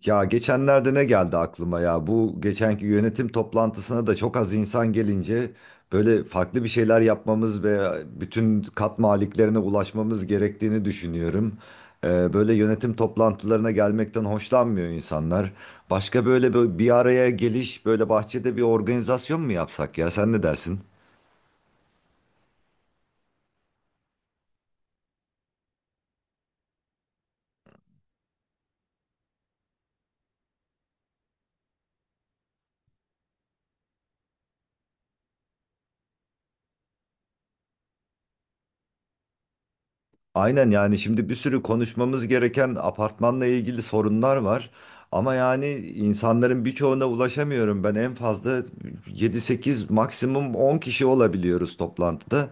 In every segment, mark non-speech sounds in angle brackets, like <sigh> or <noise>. Ya geçenlerde ne geldi aklıma ya? Bu geçenki yönetim toplantısına da çok az insan gelince böyle farklı bir şeyler yapmamız ve bütün kat maliklerine ulaşmamız gerektiğini düşünüyorum. Böyle yönetim toplantılarına gelmekten hoşlanmıyor insanlar. Başka böyle bir araya geliş, böyle bahçede bir organizasyon mu yapsak ya? Sen ne dersin? Aynen, yani şimdi bir sürü konuşmamız gereken apartmanla ilgili sorunlar var. Ama yani insanların birçoğuna ulaşamıyorum. Ben en fazla yedi sekiz, maksimum 10 kişi olabiliyoruz toplantıda.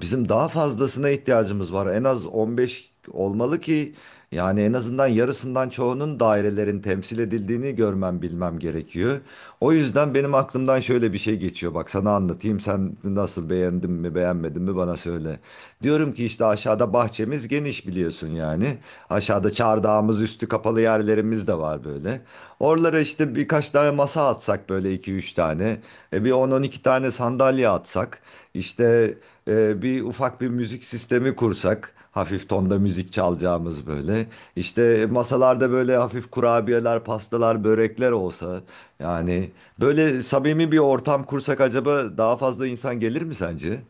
Bizim daha fazlasına ihtiyacımız var. En az 15 olmalı ki yani en azından yarısından çoğunun, dairelerin temsil edildiğini görmem, bilmem gerekiyor. O yüzden benim aklımdan şöyle bir şey geçiyor. Bak sana anlatayım. Sen nasıl, beğendin mi beğenmedin mi bana söyle. Diyorum ki işte, aşağıda bahçemiz geniş biliyorsun yani. Aşağıda çardağımız, üstü kapalı yerlerimiz de var böyle. Oralara işte birkaç tane masa atsak, böyle iki üç tane. Bir on on iki tane sandalye atsak. İşte bir ufak bir müzik sistemi kursak, hafif tonda müzik çalacağımız böyle. İşte masalarda böyle hafif kurabiyeler, pastalar, börekler olsa. Yani böyle samimi bir ortam kursak acaba daha fazla insan gelir mi sence?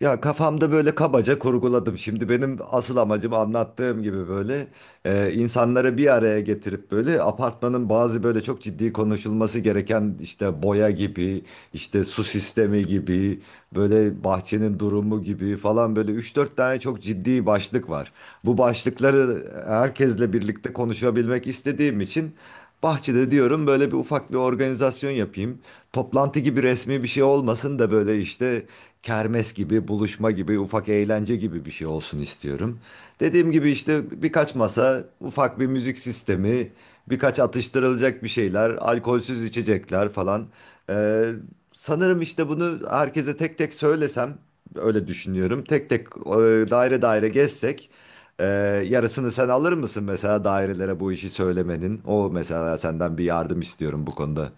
Ya kafamda böyle kabaca kurguladım. Şimdi benim asıl amacım anlattığım gibi böyle insanları bir araya getirip böyle apartmanın bazı böyle çok ciddi konuşulması gereken, işte boya gibi, işte su sistemi gibi, böyle bahçenin durumu gibi falan, böyle üç dört tane çok ciddi başlık var. Bu başlıkları herkesle birlikte konuşabilmek istediğim için bahçede diyorum böyle bir ufak bir organizasyon yapayım. Toplantı gibi resmi bir şey olmasın da, böyle işte kermes gibi, buluşma gibi, ufak eğlence gibi bir şey olsun istiyorum. Dediğim gibi işte birkaç masa, ufak bir müzik sistemi, birkaç atıştırılacak bir şeyler, alkolsüz içecekler falan. Ee, sanırım işte bunu herkese tek tek söylesem, öyle düşünüyorum. Tek tek, daire daire gezsek. Ee, yarısını sen alır mısın mesela, dairelere bu işi söylemenin? O mesela, senden bir yardım istiyorum bu konuda.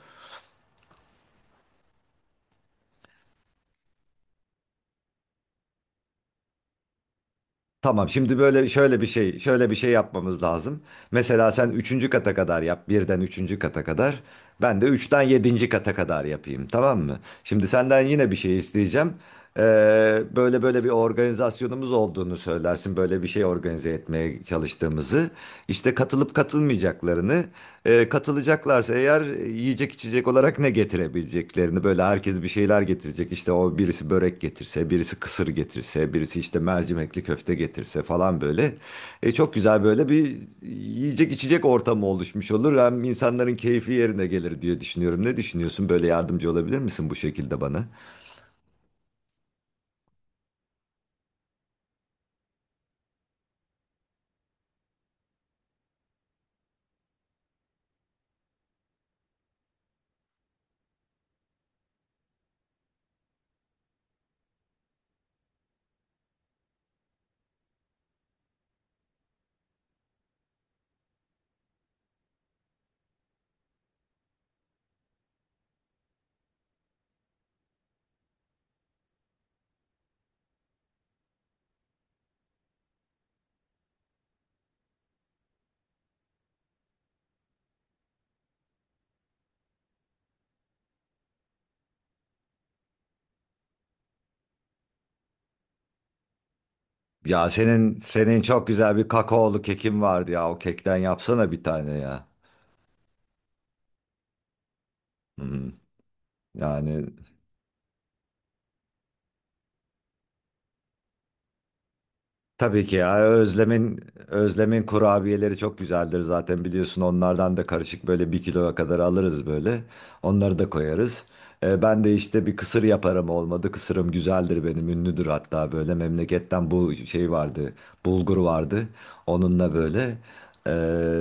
Tamam, şimdi böyle şöyle bir şey yapmamız lazım. Mesela sen üçüncü kata kadar yap, birden üçüncü kata kadar. Ben de üçten yedinci kata kadar yapayım, tamam mı? Şimdi senden yine bir şey isteyeceğim. Böyle bir organizasyonumuz olduğunu söylersin. Böyle bir şey organize etmeye çalıştığımızı. İşte katılıp katılmayacaklarını. Katılacaklarsa eğer yiyecek içecek olarak ne getirebileceklerini, böyle herkes bir şeyler getirecek. İşte o, birisi börek getirse, birisi kısır getirse, birisi işte mercimekli köfte getirse falan böyle. Çok güzel böyle bir yiyecek içecek ortamı oluşmuş olur. Hem insanların keyfi yerine gelir diye düşünüyorum. Ne düşünüyorsun? Böyle yardımcı olabilir misin bu şekilde bana? Ya, senin çok güzel bir kakaolu kekin vardı ya. O kekten yapsana bir tane ya. Hmm. Yani, tabii ki ya, Özlem'in kurabiyeleri çok güzeldir, zaten biliyorsun, onlardan da karışık böyle bir kiloya kadar alırız, böyle onları da koyarız. Ben de işte bir kısır yaparım, olmadı kısırım güzeldir benim, ünlüdür hatta, böyle memleketten bu şey vardı, bulgur vardı, onunla böyle. Ee,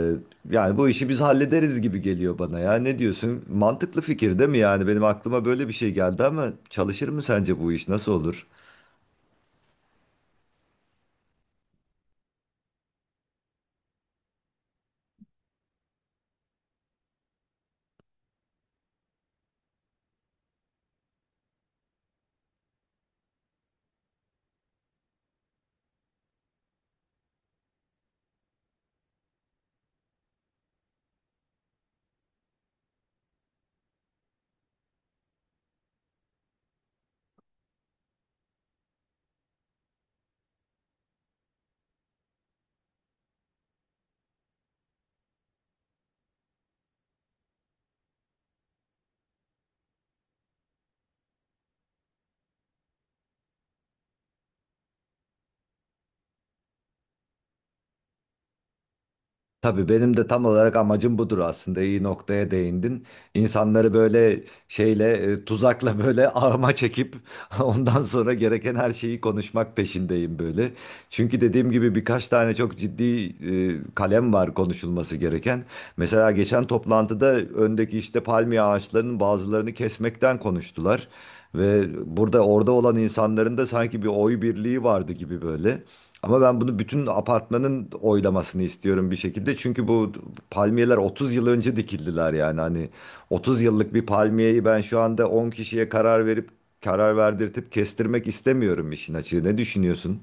yani bu işi biz hallederiz gibi geliyor bana ya, ne diyorsun, mantıklı fikir değil mi, yani benim aklıma böyle bir şey geldi, ama çalışır mı sence bu iş, nasıl olur? Tabii, benim de tam olarak amacım budur aslında. İyi noktaya değindin. İnsanları böyle şeyle, tuzakla <laughs> böyle ağıma çekip <laughs> ondan sonra gereken her şeyi konuşmak peşindeyim böyle. Çünkü dediğim gibi birkaç tane çok ciddi kalem var konuşulması gereken. Mesela geçen toplantıda öndeki işte palmiye ağaçlarının bazılarını kesmekten konuştular. Ve burada, orada olan insanların da sanki bir oy birliği vardı gibi böyle. Ama ben bunu bütün apartmanın oylamasını istiyorum bir şekilde. Çünkü bu palmiyeler 30 yıl önce dikildiler yani. Hani 30 yıllık bir palmiyeyi ben şu anda 10 kişiye karar verip, karar verdirtip kestirmek istemiyorum işin açığı. Ne düşünüyorsun?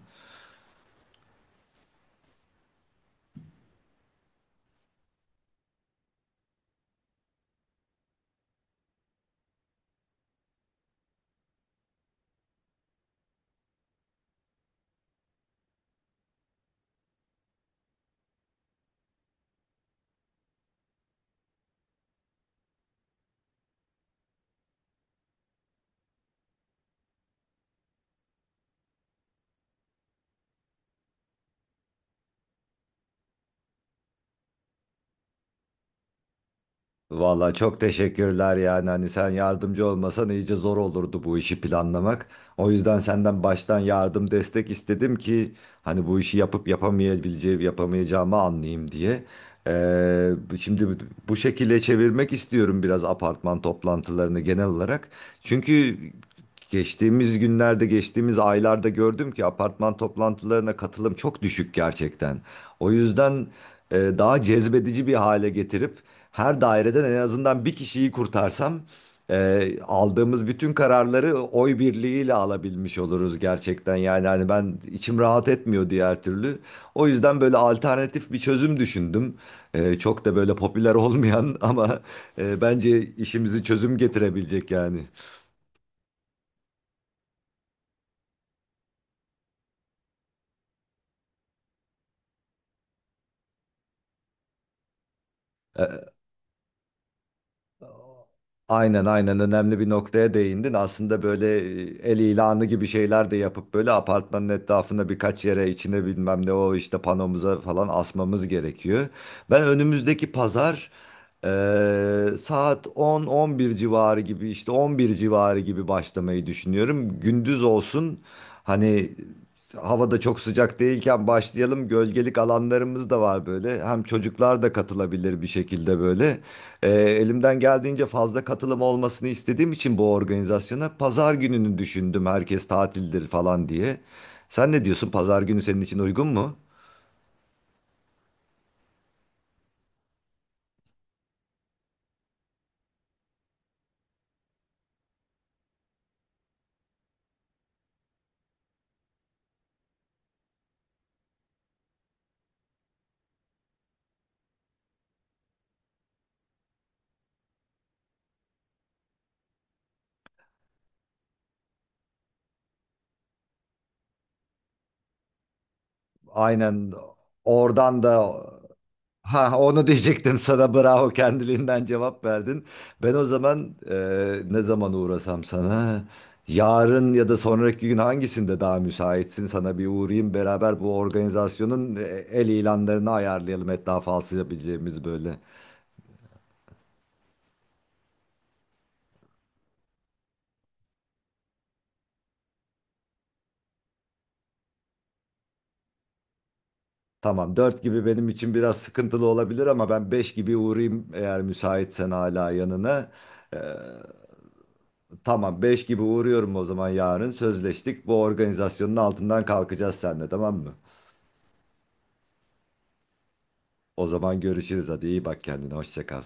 Valla çok teşekkürler yani, hani sen yardımcı olmasan iyice zor olurdu bu işi planlamak. O yüzden senden baştan yardım, destek istedim ki hani bu işi yapıp yapamayabileceğim, yapamayacağımı anlayayım diye. Şimdi bu şekilde çevirmek istiyorum biraz apartman toplantılarını genel olarak. Çünkü geçtiğimiz günlerde, geçtiğimiz aylarda gördüm ki apartman toplantılarına katılım çok düşük gerçekten. O yüzden daha cezbedici bir hale getirip her daireden en azından bir kişiyi kurtarsam, aldığımız bütün kararları oy birliğiyle alabilmiş oluruz gerçekten. Yani hani ben, içim rahat etmiyor diğer türlü. O yüzden böyle alternatif bir çözüm düşündüm. Çok da böyle popüler <laughs> olmayan ama bence işimizi çözüm getirebilecek yani. E, Aynen aynen, önemli bir noktaya değindin. Aslında böyle, el ilanı gibi şeyler de yapıp böyle apartmanın etrafına, birkaç yere, içine, bilmem ne, o işte panomuza falan asmamız gerekiyor. Ben önümüzdeki pazar, saat 10-11 civarı gibi, işte 11 civarı gibi başlamayı düşünüyorum. Gündüz olsun hani, havada çok sıcak değilken başlayalım. Gölgelik alanlarımız da var böyle. Hem çocuklar da katılabilir bir şekilde böyle. Elimden geldiğince fazla katılım olmasını istediğim için bu organizasyona pazar gününü düşündüm. Herkes tatildir falan diye. Sen ne diyorsun? Pazar günü senin için uygun mu? Aynen, oradan da. Ha, onu diyecektim sana, bravo, kendiliğinden cevap verdin. Ben o zaman, ne zaman uğrasam sana, yarın ya da sonraki gün hangisinde daha müsaitsin, sana bir uğrayayım beraber bu organizasyonun, el ilanlarını ayarlayalım etrafa alsayabileceğimiz böyle. Tamam, dört gibi benim için biraz sıkıntılı olabilir, ama ben 5 gibi uğrayayım eğer müsaitsen hala yanına. E, tamam 5 gibi uğruyorum o zaman, yarın sözleştik, bu organizasyonun altından kalkacağız seninle, tamam mı? O zaman görüşürüz. Hadi iyi bak kendine. Hoşça kal.